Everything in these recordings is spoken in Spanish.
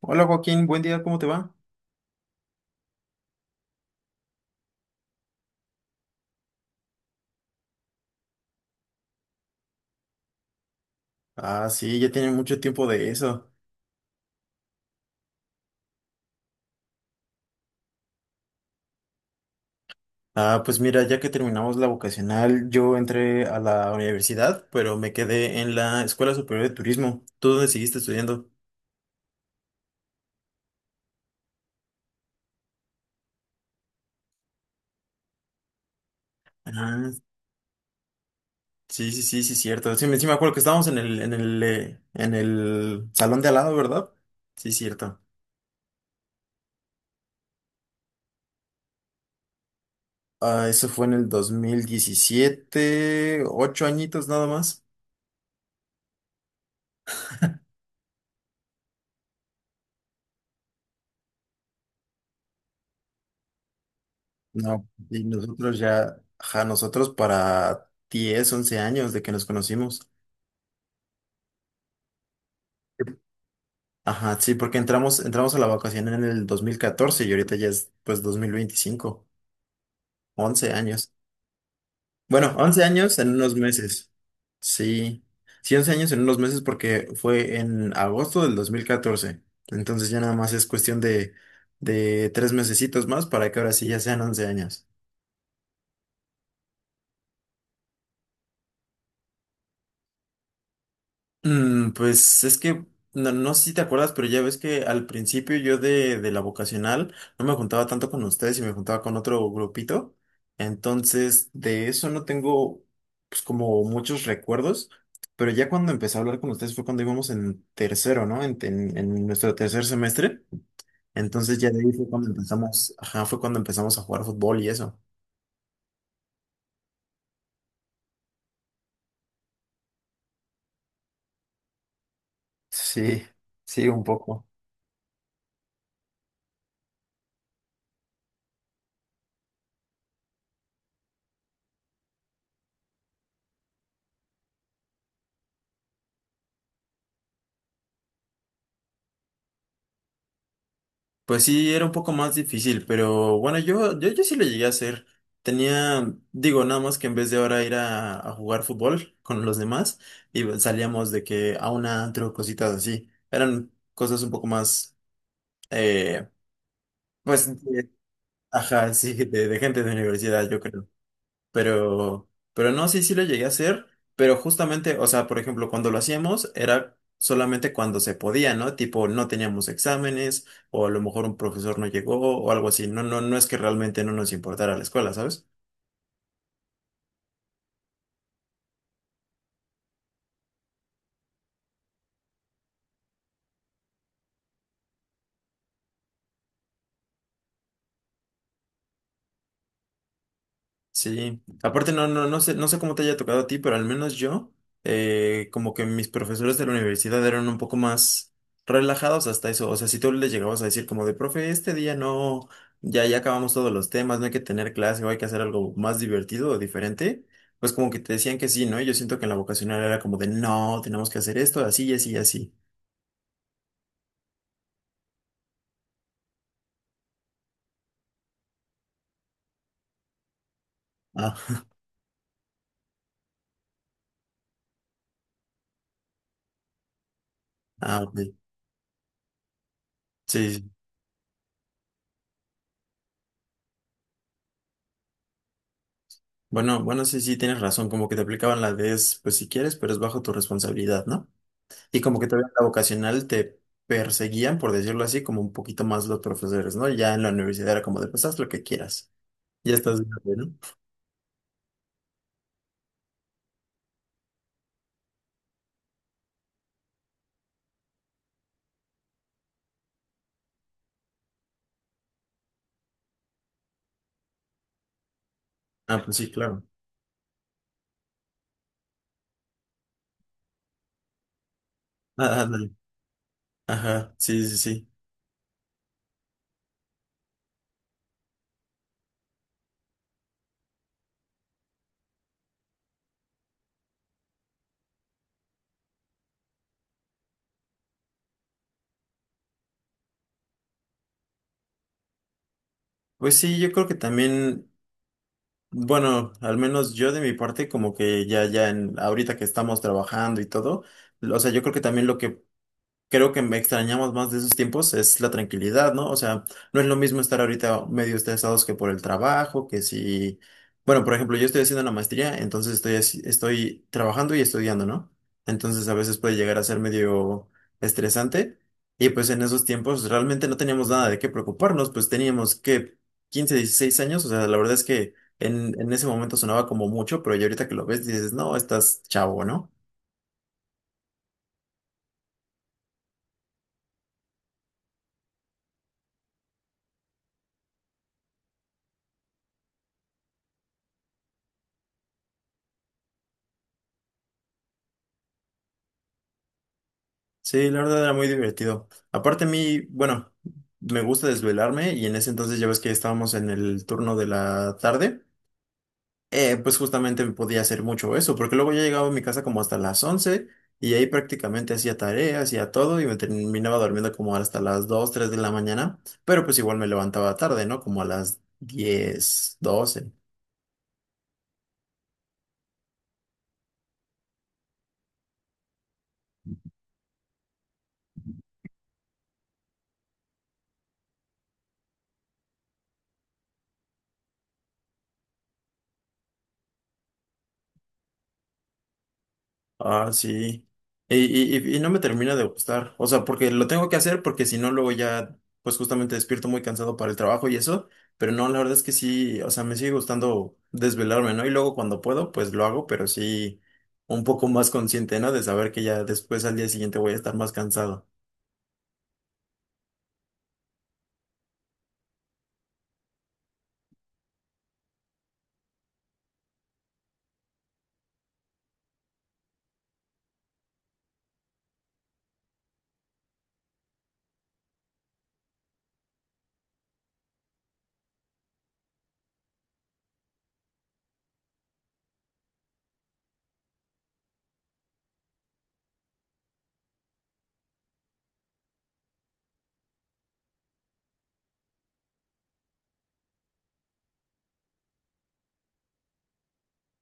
Hola Joaquín, buen día, ¿cómo te va? Ah, sí, ya tiene mucho tiempo de eso. Ah, pues mira, ya que terminamos la vocacional, yo entré a la universidad, pero me quedé en la Escuela Superior de Turismo. ¿Tú dónde seguiste estudiando? Ah, sí, sí, sí, sí, cierto. Sí, sí me acuerdo que estábamos en el salón de al lado, ¿verdad? Sí, cierto. Ah, eso fue en el 2017, ocho añitos nada más. No, y nosotros ya, ajá, nosotros para 10 11 años de que nos conocimos. Ajá, sí, porque entramos a la vacación en el 2014 y ahorita ya es pues 2025 11 años. Bueno, 11 años en unos meses. Sí, sí, 11 años en unos meses porque fue en agosto del 2014. Entonces ya nada más es cuestión de tres mesecitos más para que ahora sí ya sean 11 años. Pues es que no, no sé si te acuerdas, pero ya ves que al principio yo de la vocacional no me juntaba tanto con ustedes y me juntaba con otro grupito. Entonces, de eso no tengo pues como muchos recuerdos, pero ya cuando empecé a hablar con ustedes fue cuando íbamos en tercero, ¿no? En nuestro tercer semestre. Entonces ya de ahí fue cuando empezamos, ajá, fue cuando empezamos a jugar fútbol y eso. Sí, sí, un poco. Pues sí, era un poco más difícil, pero bueno, yo sí lo llegué a hacer. Tenía, digo, nada más que en vez de ahora ir a jugar fútbol con los demás, y salíamos de que a un antro, cositas así. Eran cosas un poco más, eh, pues, ajá, sí, de gente de universidad, yo creo. Pero, no, sí, sí lo llegué a hacer, pero justamente, o sea, por ejemplo, cuando lo hacíamos era solamente cuando se podía, ¿no? Tipo, no teníamos exámenes, o a lo mejor un profesor no llegó, o algo así. No, no, no es que realmente no nos importara la escuela, ¿sabes? Sí, aparte no, no, no sé, no sé cómo te haya tocado a ti, pero al menos yo, como que mis profesores de la universidad eran un poco más relajados hasta eso. O sea, si tú les llegabas a decir como de, profe, este día no, ya, ya acabamos todos los temas, no hay que tener clase o hay que hacer algo más divertido o diferente, pues como que te decían que sí, ¿no? Y yo siento que en la vocacional era como de, no, tenemos que hacer esto, así y así y así. Ah, ah, ok. Sí, sí. Bueno, bueno, sí, sí, tienes razón, como que te aplicaban la de, es, pues si quieres, pero es bajo tu responsabilidad, ¿no? Y como que todavía en la vocacional te perseguían, por decirlo así, como un poquito más los profesores, ¿no? Ya en la universidad era como de, pues haz lo que quieras. Ya estás grande, ¿no? Ah, pues sí, claro. Ah, ándale. Ajá, sí, sí, sí. Pues sí, yo creo que también, bueno, al menos yo de mi parte, como que ya, ya en, ahorita que estamos trabajando y todo, o sea, yo creo que también lo que creo que me extrañamos más de esos tiempos es la tranquilidad, ¿no? O sea, no es lo mismo estar ahorita medio estresados que por el trabajo, que si, bueno, por ejemplo, yo estoy haciendo la maestría, entonces estoy, así- estoy trabajando y estudiando, ¿no? Entonces a veces puede llegar a ser medio estresante y pues en esos tiempos realmente no teníamos nada de qué preocuparnos, pues teníamos que 15 16 años, o sea, la verdad es que en ese momento sonaba como mucho, pero ya ahorita que lo ves dices, no, estás chavo, ¿no? Sí, la verdad era muy divertido. Aparte a mí, bueno, me gusta desvelarme y en ese entonces ya ves que estábamos en el turno de la tarde, pues justamente me podía hacer mucho eso, porque luego ya llegaba a mi casa como hasta las 11 y ahí prácticamente hacía tareas, hacía todo y me terminaba durmiendo como hasta las 2, 3 de la mañana, pero pues igual me levantaba tarde, ¿no? Como a las 10, 12. Ah, sí. Y no me termina de gustar. O sea, porque lo tengo que hacer porque si no, luego ya, pues justamente despierto muy cansado para el trabajo y eso. Pero no, la verdad es que sí, o sea, me sigue gustando desvelarme, ¿no? Y luego cuando puedo, pues lo hago, pero sí un poco más consciente, ¿no? De saber que ya después al día siguiente voy a estar más cansado.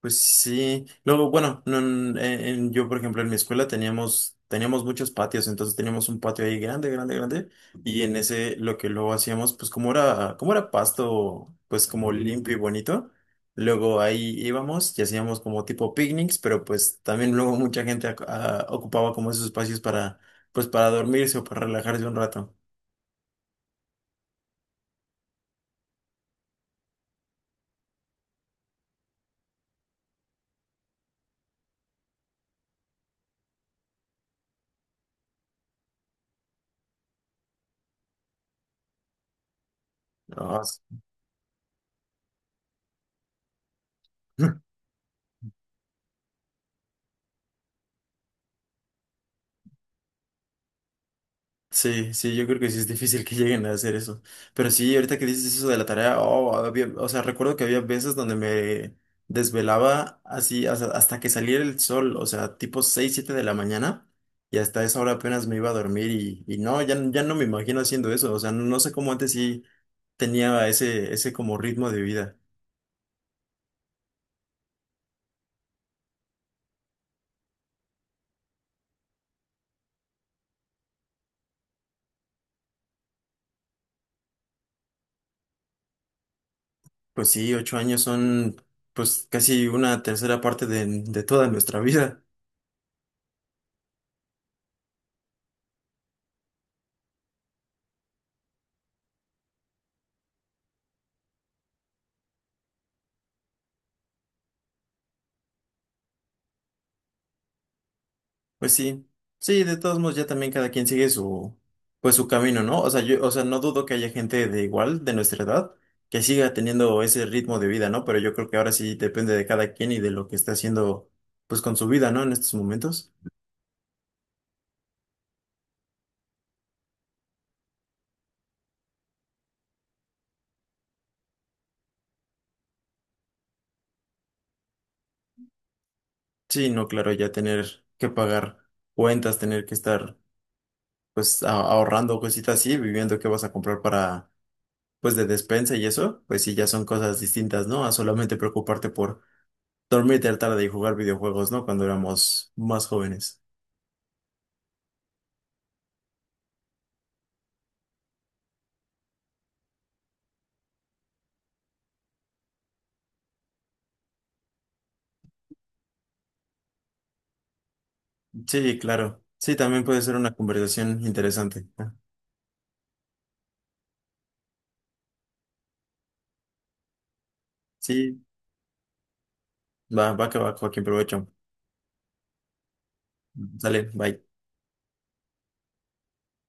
Pues sí, luego, bueno, no, yo por ejemplo en mi escuela teníamos muchos patios, entonces teníamos un patio ahí grande, grande, grande, y en ese lo que luego hacíamos, pues como era pasto, pues como limpio y bonito, luego ahí íbamos y hacíamos como tipo picnics, pero pues también luego mucha gente ocupaba como esos espacios para, pues para dormirse o para relajarse un rato. No, sí, sí, yo creo que sí es difícil que lleguen a hacer eso. Pero sí, ahorita que dices eso de la tarea, oh, o sea, recuerdo que había veces donde me desvelaba así hasta, hasta que saliera el sol, o sea, tipo 6, 7 de la mañana, y hasta esa hora apenas me iba a dormir y no, ya, ya no me imagino haciendo eso, o sea, no no sé cómo antes sí tenía ese, ese como ritmo de vida. Pues sí, 8 años son pues casi una tercera parte de toda nuestra vida. Pues sí, sí, de todos modos ya también cada quien sigue su, pues su camino, ¿no? O sea, yo, o sea, no dudo que haya gente de igual, de nuestra edad, que siga teniendo ese ritmo de vida, ¿no? Pero yo creo que ahora sí depende de cada quien y de lo que está haciendo, pues con su vida, ¿no? En estos momentos. Sí, no, claro, ya tener que pagar cuentas, tener que estar, pues, ahorrando cositas así, viviendo qué vas a comprar para, pues, de despensa y eso, pues sí, ya son cosas distintas, ¿no? A solamente preocuparte por dormir tarde y jugar videojuegos, ¿no? Cuando éramos más jóvenes. Sí, claro. Sí, también puede ser una conversación interesante. ¿No? Sí, va, va que va, Joaquín, provecho. Sale, bye.